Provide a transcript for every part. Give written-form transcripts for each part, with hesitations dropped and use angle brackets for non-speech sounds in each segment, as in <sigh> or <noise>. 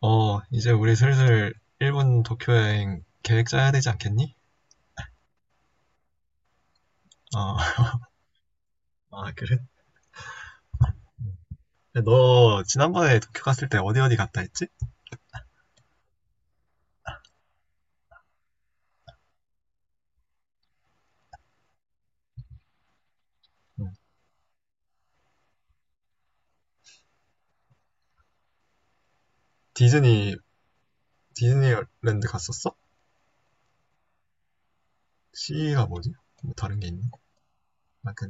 어, 이제 우리 슬슬 일본 도쿄 여행 계획 짜야 되지 않겠니? 어. <laughs> 아, 그래? 너 지난번에 도쿄 갔을 때 어디 어디 갔다 했지? 응. 디즈니, 디즈니랜드 갔었어? C가 뭐지? 뭐 다른 게 있나? 아, 그,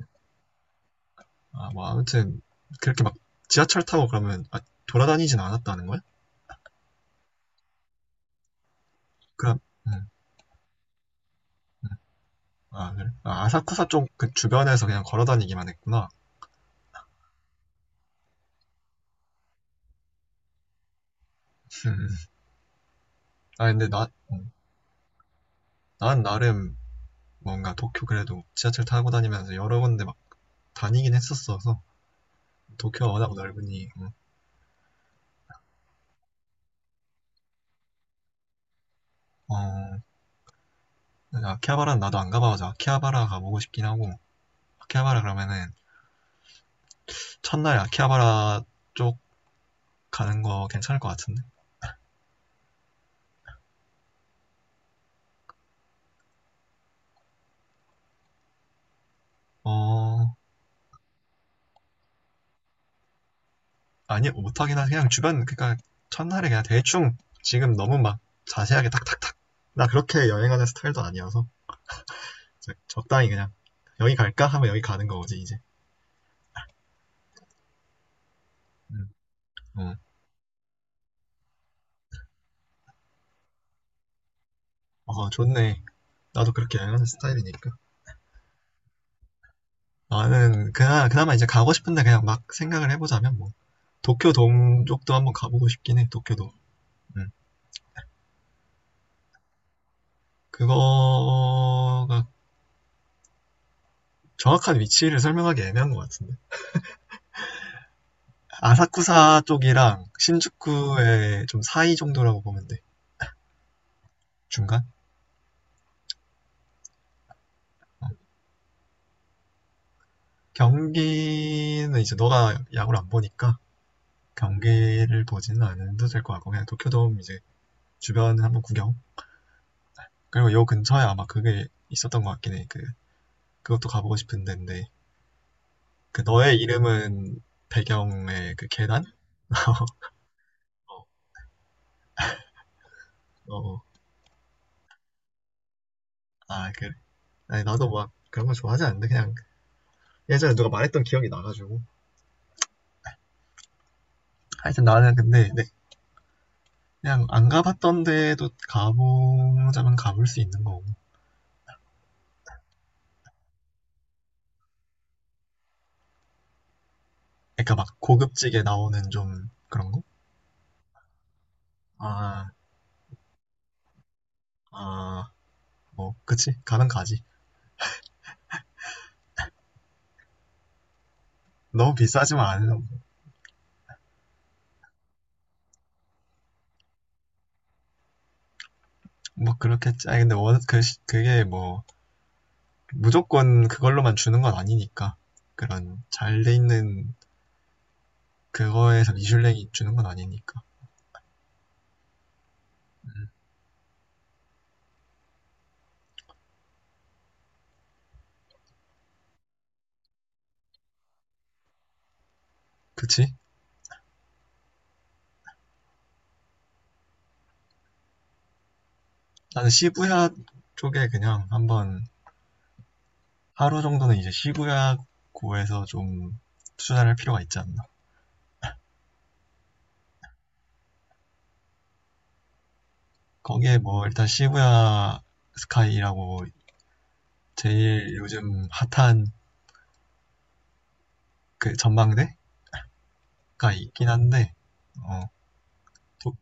아, 뭐 아무튼 그렇게 막 지하철 타고 그러면, 아, 돌아다니진 않았다는 거야? 그럼, 응. 아, 그래? 아, 아사쿠사 쪽 그 주변에서 그냥 걸어 다니기만 했구나. 음. 아, 근데 나, 응. 난 나름 뭔가 도쿄 그래도 지하철 타고 다니면서 여러 군데 다니긴 했었어서. 도쿄가 워낙 넓으니. 어, 아키하바라는 나도 안 가봐서 아키하바라 가보고 싶긴 하고, 아키하바라 그러면은 첫날 아키하바라 쪽 가는 거 괜찮을 것 같은데. 어, 아니 못하긴 하지. 그냥 주변, 그러니까 첫날에 그냥 대충. 지금 너무 막 자세하게 탁탁탁, 나 그렇게 여행하는 스타일도 아니어서 적당히, 그냥 여기 갈까 하면 여기 가는 거지 이제. 응. 어, 어 좋네. 나도 그렇게 여행하는 스타일이니까. 나는 그나, 그나마 이제 가고 싶은데, 그냥 막 생각을 해보자면 뭐 도쿄 동쪽도 한번 가보고 싶긴 해. 도쿄도. 음. 그거가, 정확한 위치를 설명하기 애매한 것 같은데 아사쿠사 쪽이랑 신주쿠의 좀 사이 정도라고 보면 돼. 중간. 경기는 이제 너가 야구를 안 보니까 경기를 보지는 않아도 될 것 같고, 그냥 도쿄돔 이제 주변 한번 구경. 그리고 요 근처에 아마 그게 있었던 것 같긴 해그. 그것도 가보고 싶은 데인데, 그 너의 이름은 배경의 그 계단? <laughs> 어, 어. 아, 그래. 아니, 나도 막 그런 거 좋아하지 않는데, 그냥 예전에 누가 말했던 기억이 나가지고. 하여튼 나는 근데, 네, 그냥 안 가봤던 데도 가보자면 가볼 수 있는 거고. 그러니까 막 고급지게 나오는 좀 그런 거? 아, 아, 뭐, 그치. 가면 가지. 너무 비싸지만 않은. 뭐, 그렇겠지. 아니, 근데 원, 그, 그게 뭐, 무조건 그걸로만 주는 건 아니니까. 그런 잘 돼 있는 그거에서 미슐랭이 주는 건 아니니까. 그치? 나는 시부야 쪽에 그냥 한번 하루 정도는 이제 시부야 고에서 좀 투자를 할 필요가 있지 않나. 거기에 뭐 일단 시부야 스카이라고 제일 요즘 핫한 그 전망대가 있긴 한데, 어, 도,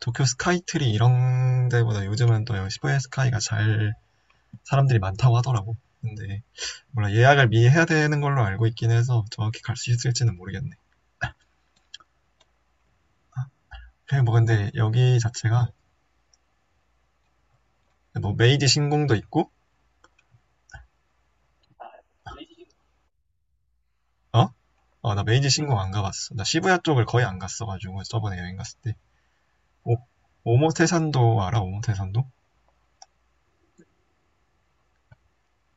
도쿄 스카이트리 이런 데보다 요즘은 또 시부야 스카이가 잘 사람들이 많다고 하더라고. 근데 몰라, 예약을 미리 해야 되는 걸로 알고 있긴 해서 정확히 갈 수 있을지는 모르겠네. 그래, 뭐, 근데 여기 자체가, 뭐, 메이지 신공도 있고. 어? 어, 나 메이지 신공 안 가봤어. 나 시부야 쪽을 거의 안 갔어가지고, 저번에 여행 갔을 때. 오, 오모테산도 알아? 오모테산도?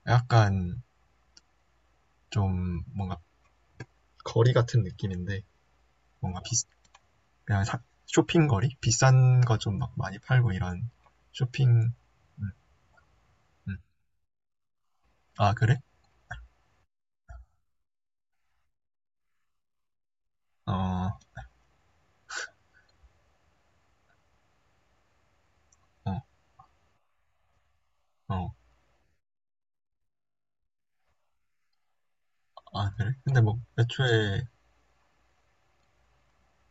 약간, 좀, 뭔가 거리 같은 느낌인데, 뭔가 비, 그냥 쇼핑거리? 비싼 거 좀 막 많이 팔고 이런 쇼핑. 음, 음. 아, 그래? 어, 어, 어. 아, 그래? 근데 뭐, 애초에,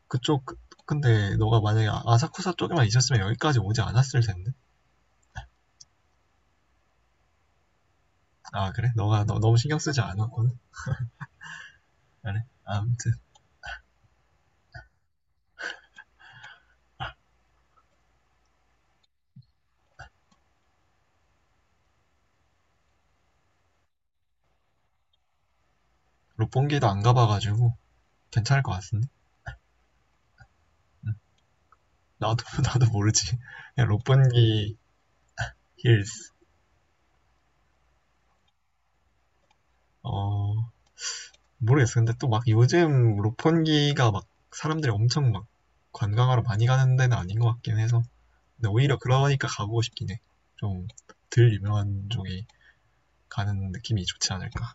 그쪽, 근데 너가 만약에 아사쿠사 쪽에만 있었으면 여기까지 오지 않았을 텐데. 아, 그래? 너가 너, 너무 신경 쓰지 않았거든. 그래. 아무튼 롯본기도 안 가봐가지고 괜찮을 것 같은데. 나도 <laughs> 나도 모르지. 그냥 롯본기 힐스. 어, 모르겠어. 근데 또 막 요즘 롯본기가 막 사람들이 엄청 막 관광하러 많이 가는 데는 아닌 것 같긴 해서. 근데 오히려 그러니까 가보고 싶긴 해. 좀 덜 유명한 쪽이 가는 느낌이 좋지 않을까.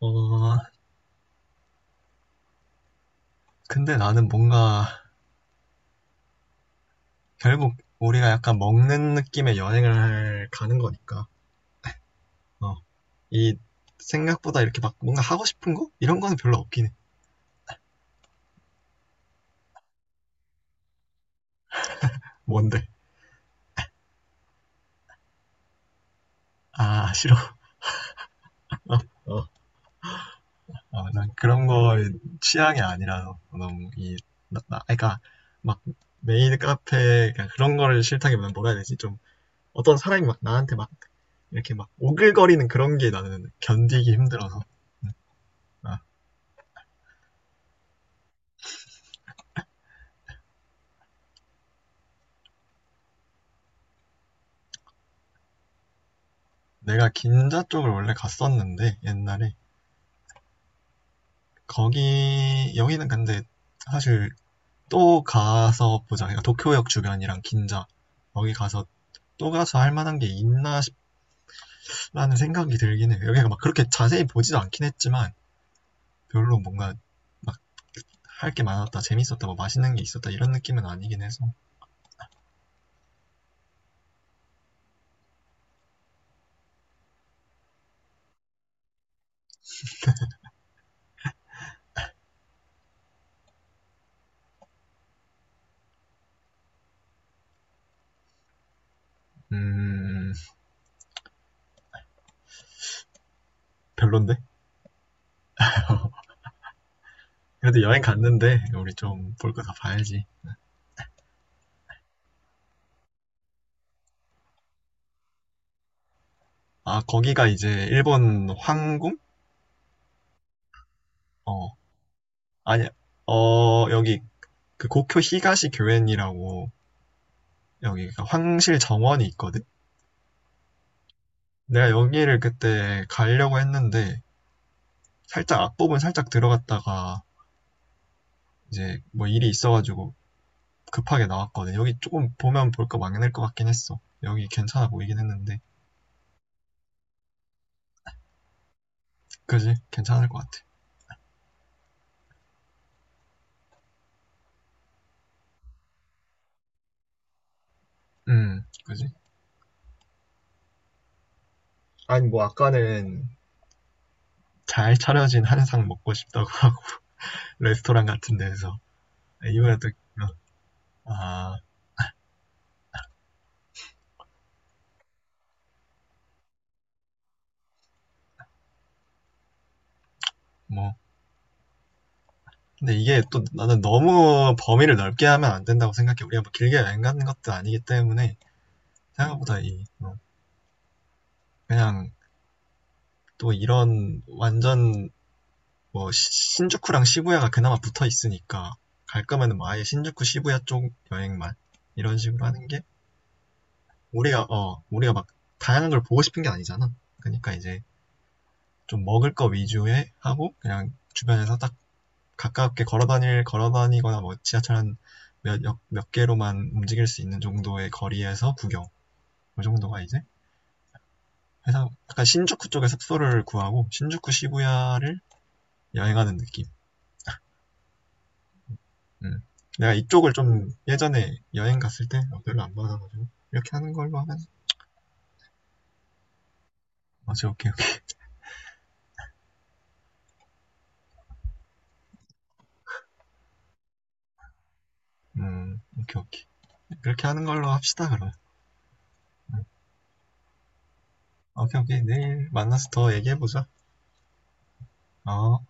어, 근데 나는 뭔가 결국 우리가 약간 먹는 느낌의 여행을 가는 거니까. 어, 이 생각보다 이렇게 막 뭔가 하고 싶은 거? 이런 거는 별로 없긴 해. 뭔데? 아, 싫어. <laughs> 어, 어. 어, 난 그런 거 취향이 아니라서 너무 이, 그러니까 막 메인 카페, 그러니까 그런 거를 싫다기보다는 뭐라 해야 되지? 좀 어떤 사람이 막 나한테 막 이렇게 막 오글거리는 그런 게 나는 견디기 힘들어서. 아, 내가 긴자 쪽을 원래 갔었는데 옛날에. 거기 여기는 근데 사실 또 가서 보자. 그러니까 도쿄역 주변이랑 긴자, 여기 가서 또 가서 할 만한 게 있나 싶라는 생각이 들긴 해. 여기가 막 그렇게 자세히 보지도 않긴 했지만 별로 뭔가 막 할 게 많았다, 재밌었다, 뭐 맛있는 게 있었다 이런 느낌은 아니긴 해서. 음, 별론데. <laughs> 그래도 여행 갔는데 우리 좀 볼 거 다 봐야지. 아, 거기가 이제 일본 황궁? 어. 아니, 어, 여기 그 고쿄 히가시 교엔이라고, 여기 그 황실 정원이 있거든. 내가 여기를 그때 가려고 했는데 살짝 앞부분 살짝 들어갔다가 이제 뭐 일이 있어가지고 급하게 나왔거든. 여기 조금 보면 볼 거 많을 것 같긴 했어. 여기 괜찮아 보이긴 했는데. 그지? 괜찮을 것 같아. 그지? 아니 뭐 아까는 잘 차려진 한상 먹고 싶다고 하고 <laughs> 레스토랑 같은 데서. 이번에 또 어, 아, 뭐 근데 이게 또, 나는 너무 범위를 넓게 하면 안 된다고 생각해. 우리가 뭐 길게 여행 가는 것도 아니기 때문에 생각보다 이, 그냥 또 이런 완전 뭐 신주쿠랑 시부야가 그나마 붙어 있으니까 갈 거면은 뭐 아예 신주쿠 시부야 쪽 여행만 이런 식으로 하는 게. 우리가 막 다양한 걸 보고 싶은 게 아니잖아. 그러니까 이제 좀 먹을 거 위주에 하고, 그냥 주변에서 딱 가깝게 걸어 다니거나 뭐 지하철 한몇몇 몇 개로만 움직일 수 있는 정도의 거리에서 구경. 그 정도가 이제 회사 약간 신주쿠 쪽에 숙소를 구하고 신주쿠 시부야를 여행하는 느낌. 음. 내가 이쪽을 좀 예전에 여행 갔을 때 어, 별로 안 받아가지고 이렇게 하는 걸로 하면, 맞제. 오케이, 오케이. 음, 오케이, 오케이. 그렇게 하는 걸로 합시다 그러면. 오케이, 오케이. 내일 만나서 더 얘기해보자. 어.